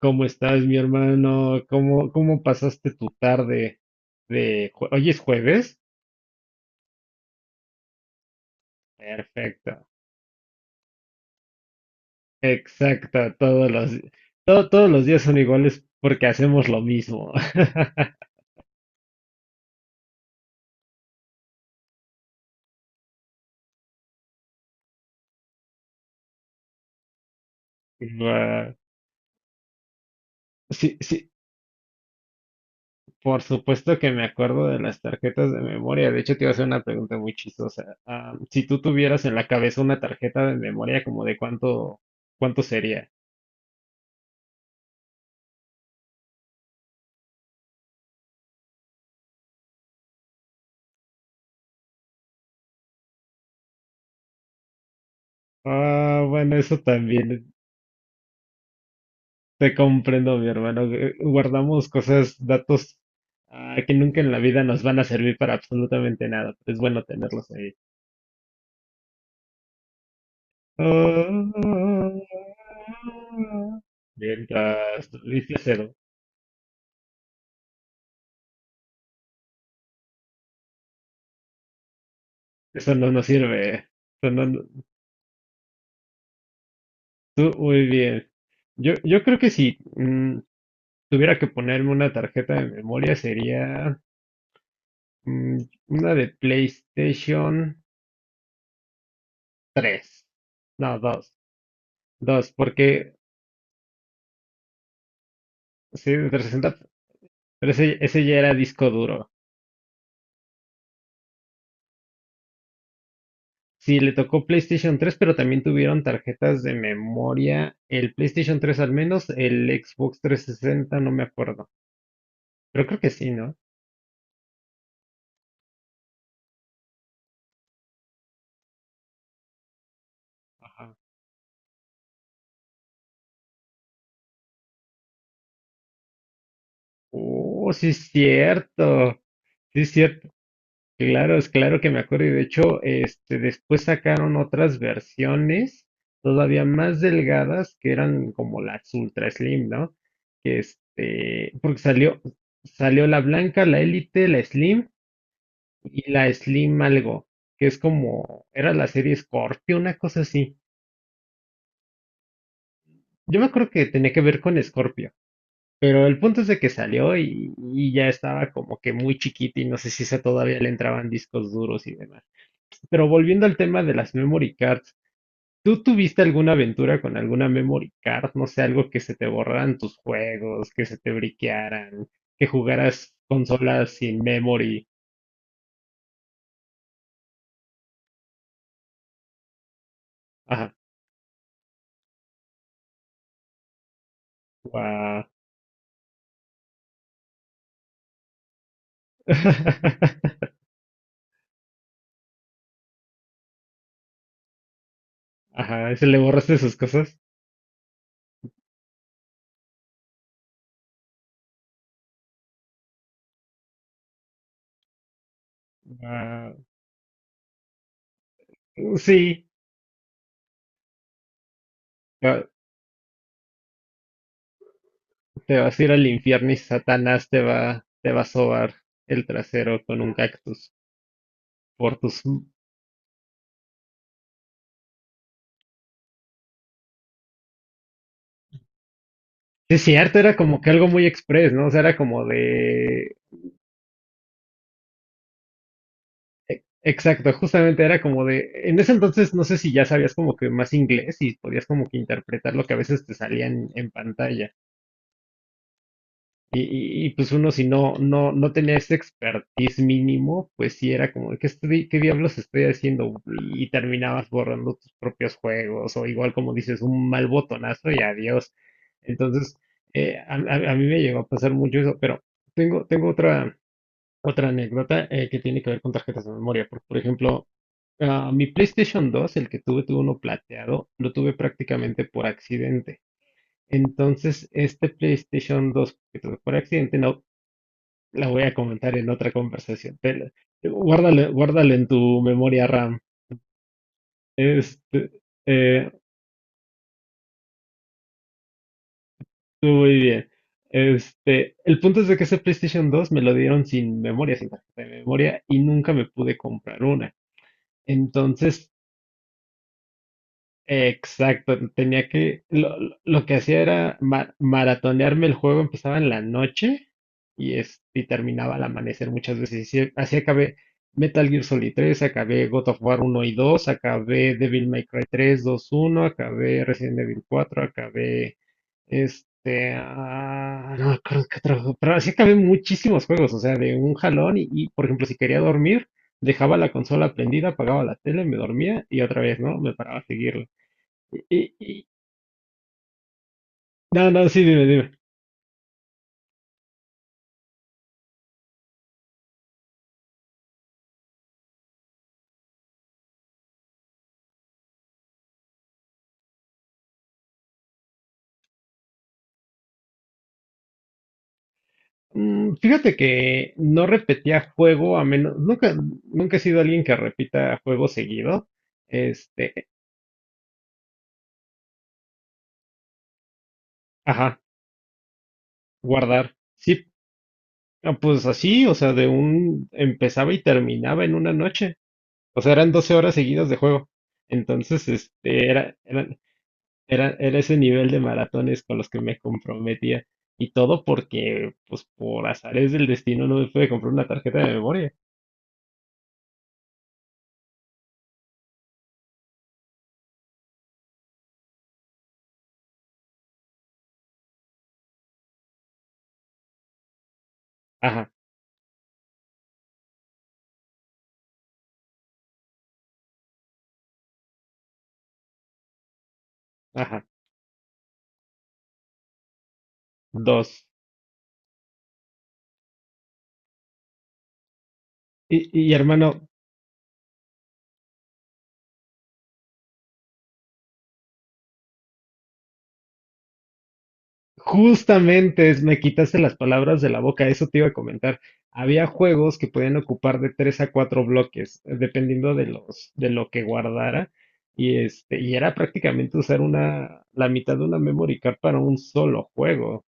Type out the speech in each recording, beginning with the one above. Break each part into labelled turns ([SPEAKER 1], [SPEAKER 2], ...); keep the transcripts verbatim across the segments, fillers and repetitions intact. [SPEAKER 1] ¿Cómo estás, mi hermano? ¿Cómo, cómo pasaste tu tarde de jue- hoy es jueves? Perfecto. Exacto, todos los todo- todos los días son iguales porque hacemos lo mismo. Guau. Sí, sí, por supuesto que me acuerdo de las tarjetas de memoria. De hecho, te iba a hacer una pregunta muy chistosa. Ah, si tú tuvieras en la cabeza una tarjeta de memoria, ¿como de cuánto cuánto sería? Ah, bueno, eso también. Te comprendo, mi hermano. Eh, Guardamos cosas, datos ah, que nunca en la vida nos van a servir para absolutamente nada. Es bueno tenerlos ahí. Ah, Mientras, viste cero. Eso no nos sirve, ¿eh? Eso no, no- Tú, muy bien. Yo, yo creo que si mm, tuviera que ponerme una tarjeta de memoria, sería mm, una de PlayStation tres. No, dos. Dos, porque sí, de trescientos sesenta. Pero ese, ese ya era disco duro. Sí, le tocó PlayStation tres, pero también tuvieron tarjetas de memoria. El PlayStation tres al menos; el Xbox trescientos sesenta, no me acuerdo. Pero creo que sí, ¿no? Ajá. Oh, sí es cierto. Sí es cierto. Claro, es claro que me acuerdo. Y de hecho, este, después sacaron otras versiones todavía más delgadas que eran como las Ultra Slim, ¿no? Que este, porque salió, salió la blanca, la Elite, la Slim y la Slim algo, que es como, era la serie Scorpio, una cosa así. Yo me acuerdo que tenía que ver con Scorpio, pero el punto es de que salió y, y ya estaba como que muy chiquita y no sé si esa todavía le entraban discos duros y demás. Pero volviendo al tema de las memory cards, ¿tú tuviste alguna aventura con alguna memory card? No sé, algo que se te borraran tus juegos, que se te briquearan, que jugaras consolas sin memory. Ajá, guau. Ajá, ¿se le borraste sus cosas? Ah, sí, va- te vas a ir al infierno y Satanás te va, te va a sobar el trasero con un cactus por tus... Sí, es cierto, era como que algo muy express, ¿no? O sea, era como de... e- Exacto, justamente era como de... En ese entonces no sé si ya sabías como que más inglés y podías como que interpretar lo que a veces te salía en en pantalla. Y, y- y, pues uno si no, no, no tenía ese expertise mínimo, pues sí era como, ¿qué, estoy- qué diablos estoy haciendo? Y terminabas borrando tus propios juegos o, igual como dices, un mal botonazo y adiós. Entonces, eh, a, a- a mí me llegó a pasar mucho eso, pero tengo, tengo otra, otra anécdota eh, que tiene que ver con tarjetas de memoria. Porque, por ejemplo, ah, mi PlayStation dos, el que tuve, tuve uno plateado, lo tuve prácticamente por accidente. Entonces, este PlayStation dos que tuve por accidente, no, la voy a comentar en otra conversación. Te- guárdale guárdalo en tu memoria RAM. Este, eh, muy bien. Este, el punto es de que ese PlayStation dos me lo dieron sin memoria, sin tarjeta de memoria, y nunca me pude comprar una. Entonces. Exacto, tenía que, lo, lo- lo que hacía era ma- maratonearme el juego, empezaba en la noche y, es, y terminaba al amanecer muchas veces. Y sí, así acabé Metal Gear Solid tres, acabé God of War uno y dos, acabé Devil May Cry tres dos uno, acabé Resident Evil cuatro, acabé este, ah, no me acuerdo qué otro juego, pero así acabé muchísimos juegos, o sea, de un jalón y, y, por ejemplo, si quería dormir, dejaba la consola prendida, apagaba la tele, me dormía y otra vez, ¿no? Me paraba a seguirle. Y, y- no, no, sí, dime, dime. Mm, Fíjate que no repetía juego. A menos, nunca, nunca he sido alguien que repita juego seguido. Este, ajá, guardar. Sí, ah, pues así, o sea, de un, empezaba y terminaba en una noche. O sea, eran doce horas seguidas de juego. Entonces, este, era, era, era, era ese nivel de maratones con los que me comprometía. Y todo porque, pues, por azares del destino no me pude comprar una tarjeta de memoria. Ajá, ajá. Dos. Y, y, hermano, justamente es- me quitaste las palabras de la boca, eso te iba a comentar. Había juegos que podían ocupar de tres a cuatro bloques, eh, dependiendo de los, de lo que guardara. Y este, y era prácticamente usar una, la mitad de una memory card para un solo juego.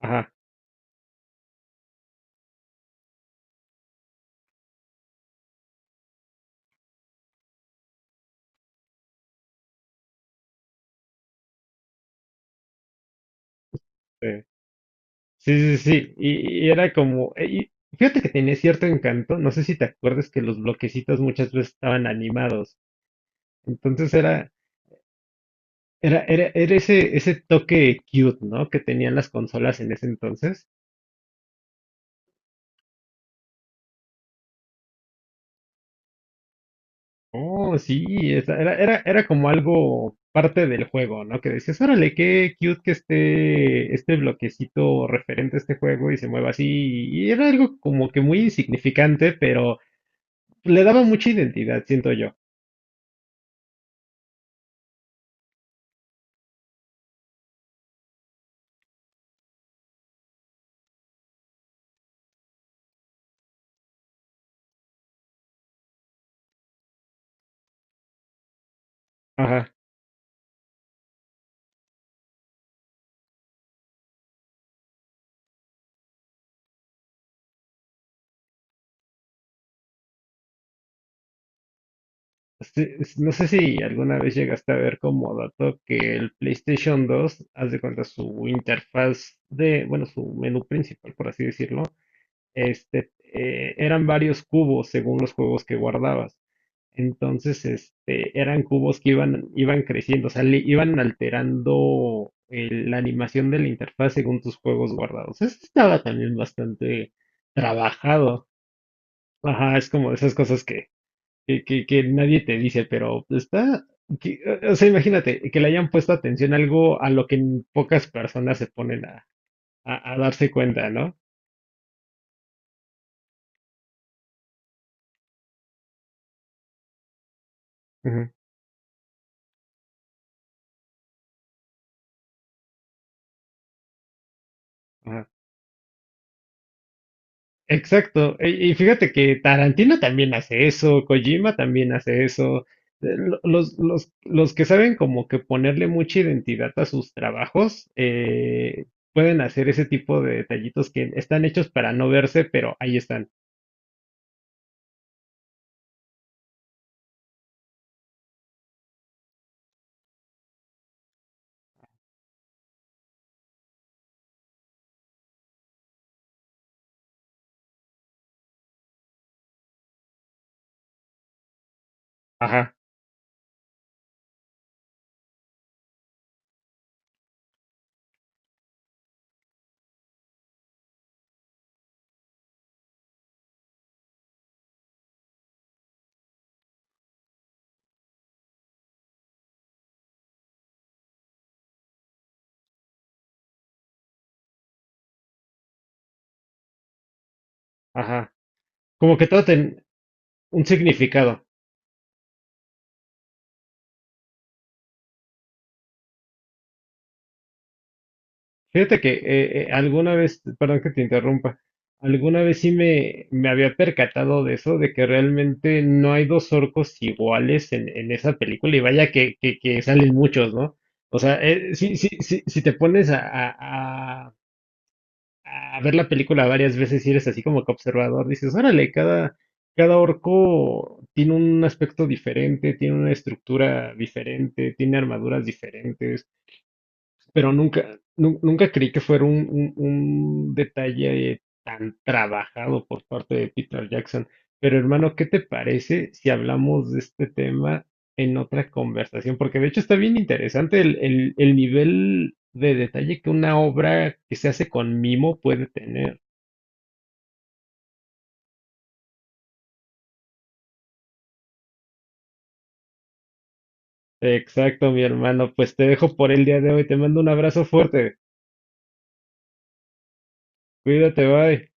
[SPEAKER 1] Ajá, sí. Sí, sí, sí. Y, y era como, eh, y fíjate que tenía cierto encanto. No sé si te acuerdas que los bloquecitos muchas veces estaban animados. Entonces era, Era, era, era ese, ese toque cute, ¿no? Que tenían las consolas en ese entonces. Oh, sí, esa- era, era, era como algo parte del juego, ¿no? Que decías, órale, qué cute que esté este bloquecito referente a este juego y se mueva así. Y era algo como que muy insignificante, pero le daba mucha identidad, siento yo. Ajá. Sí, es- no sé si alguna vez llegaste a ver como dato que el PlayStation dos, haz de cuenta, su interfaz de, bueno, su menú principal, por así decirlo. Este, eh, eran varios cubos según los juegos que guardabas. Entonces, este, eran cubos que iban, iban creciendo, o sea, le iban alterando el- la animación de la interfaz según tus juegos guardados. Eso estaba también bastante trabajado. Ajá, es como de esas cosas que, que, que- que nadie te dice, pero está, que- o sea, imagínate que le hayan puesto atención a algo a lo que pocas personas se ponen a, a- a darse cuenta, ¿no? Ujú, ajá. Exacto. Y, y fíjate que Tarantino también hace eso, Kojima también hace eso. Eh, lo- Los, los, los que saben como que ponerle mucha identidad a sus trabajos, eh, pueden hacer ese tipo de detallitos que están hechos para no verse, pero ahí están. Ajá, ajá. Como que todo tiene un significado. Fíjate que eh, eh, alguna vez, perdón que te interrumpa, alguna vez sí me, me había percatado de eso, de que realmente no hay dos orcos iguales en, en esa película, y vaya que, que, que salen muchos, ¿no? O sea, eh, sí, sí, sí, si te pones a, a- a- a ver la película varias veces y eres así como que observador, dices, órale, cada, cada orco tiene un aspecto diferente, tiene una estructura diferente, tiene armaduras diferentes. Pero nunca, nu- nunca creí que fuera un, un- un detalle tan trabajado por parte de Peter Jackson. Pero hermano, ¿qué te parece si hablamos de este tema en otra conversación? Porque de hecho está bien interesante el, el- el nivel de detalle que una obra que se hace con mimo puede tener. Exacto, mi hermano. Pues te dejo por el día de hoy. Te mando un abrazo fuerte. Cuídate, bye.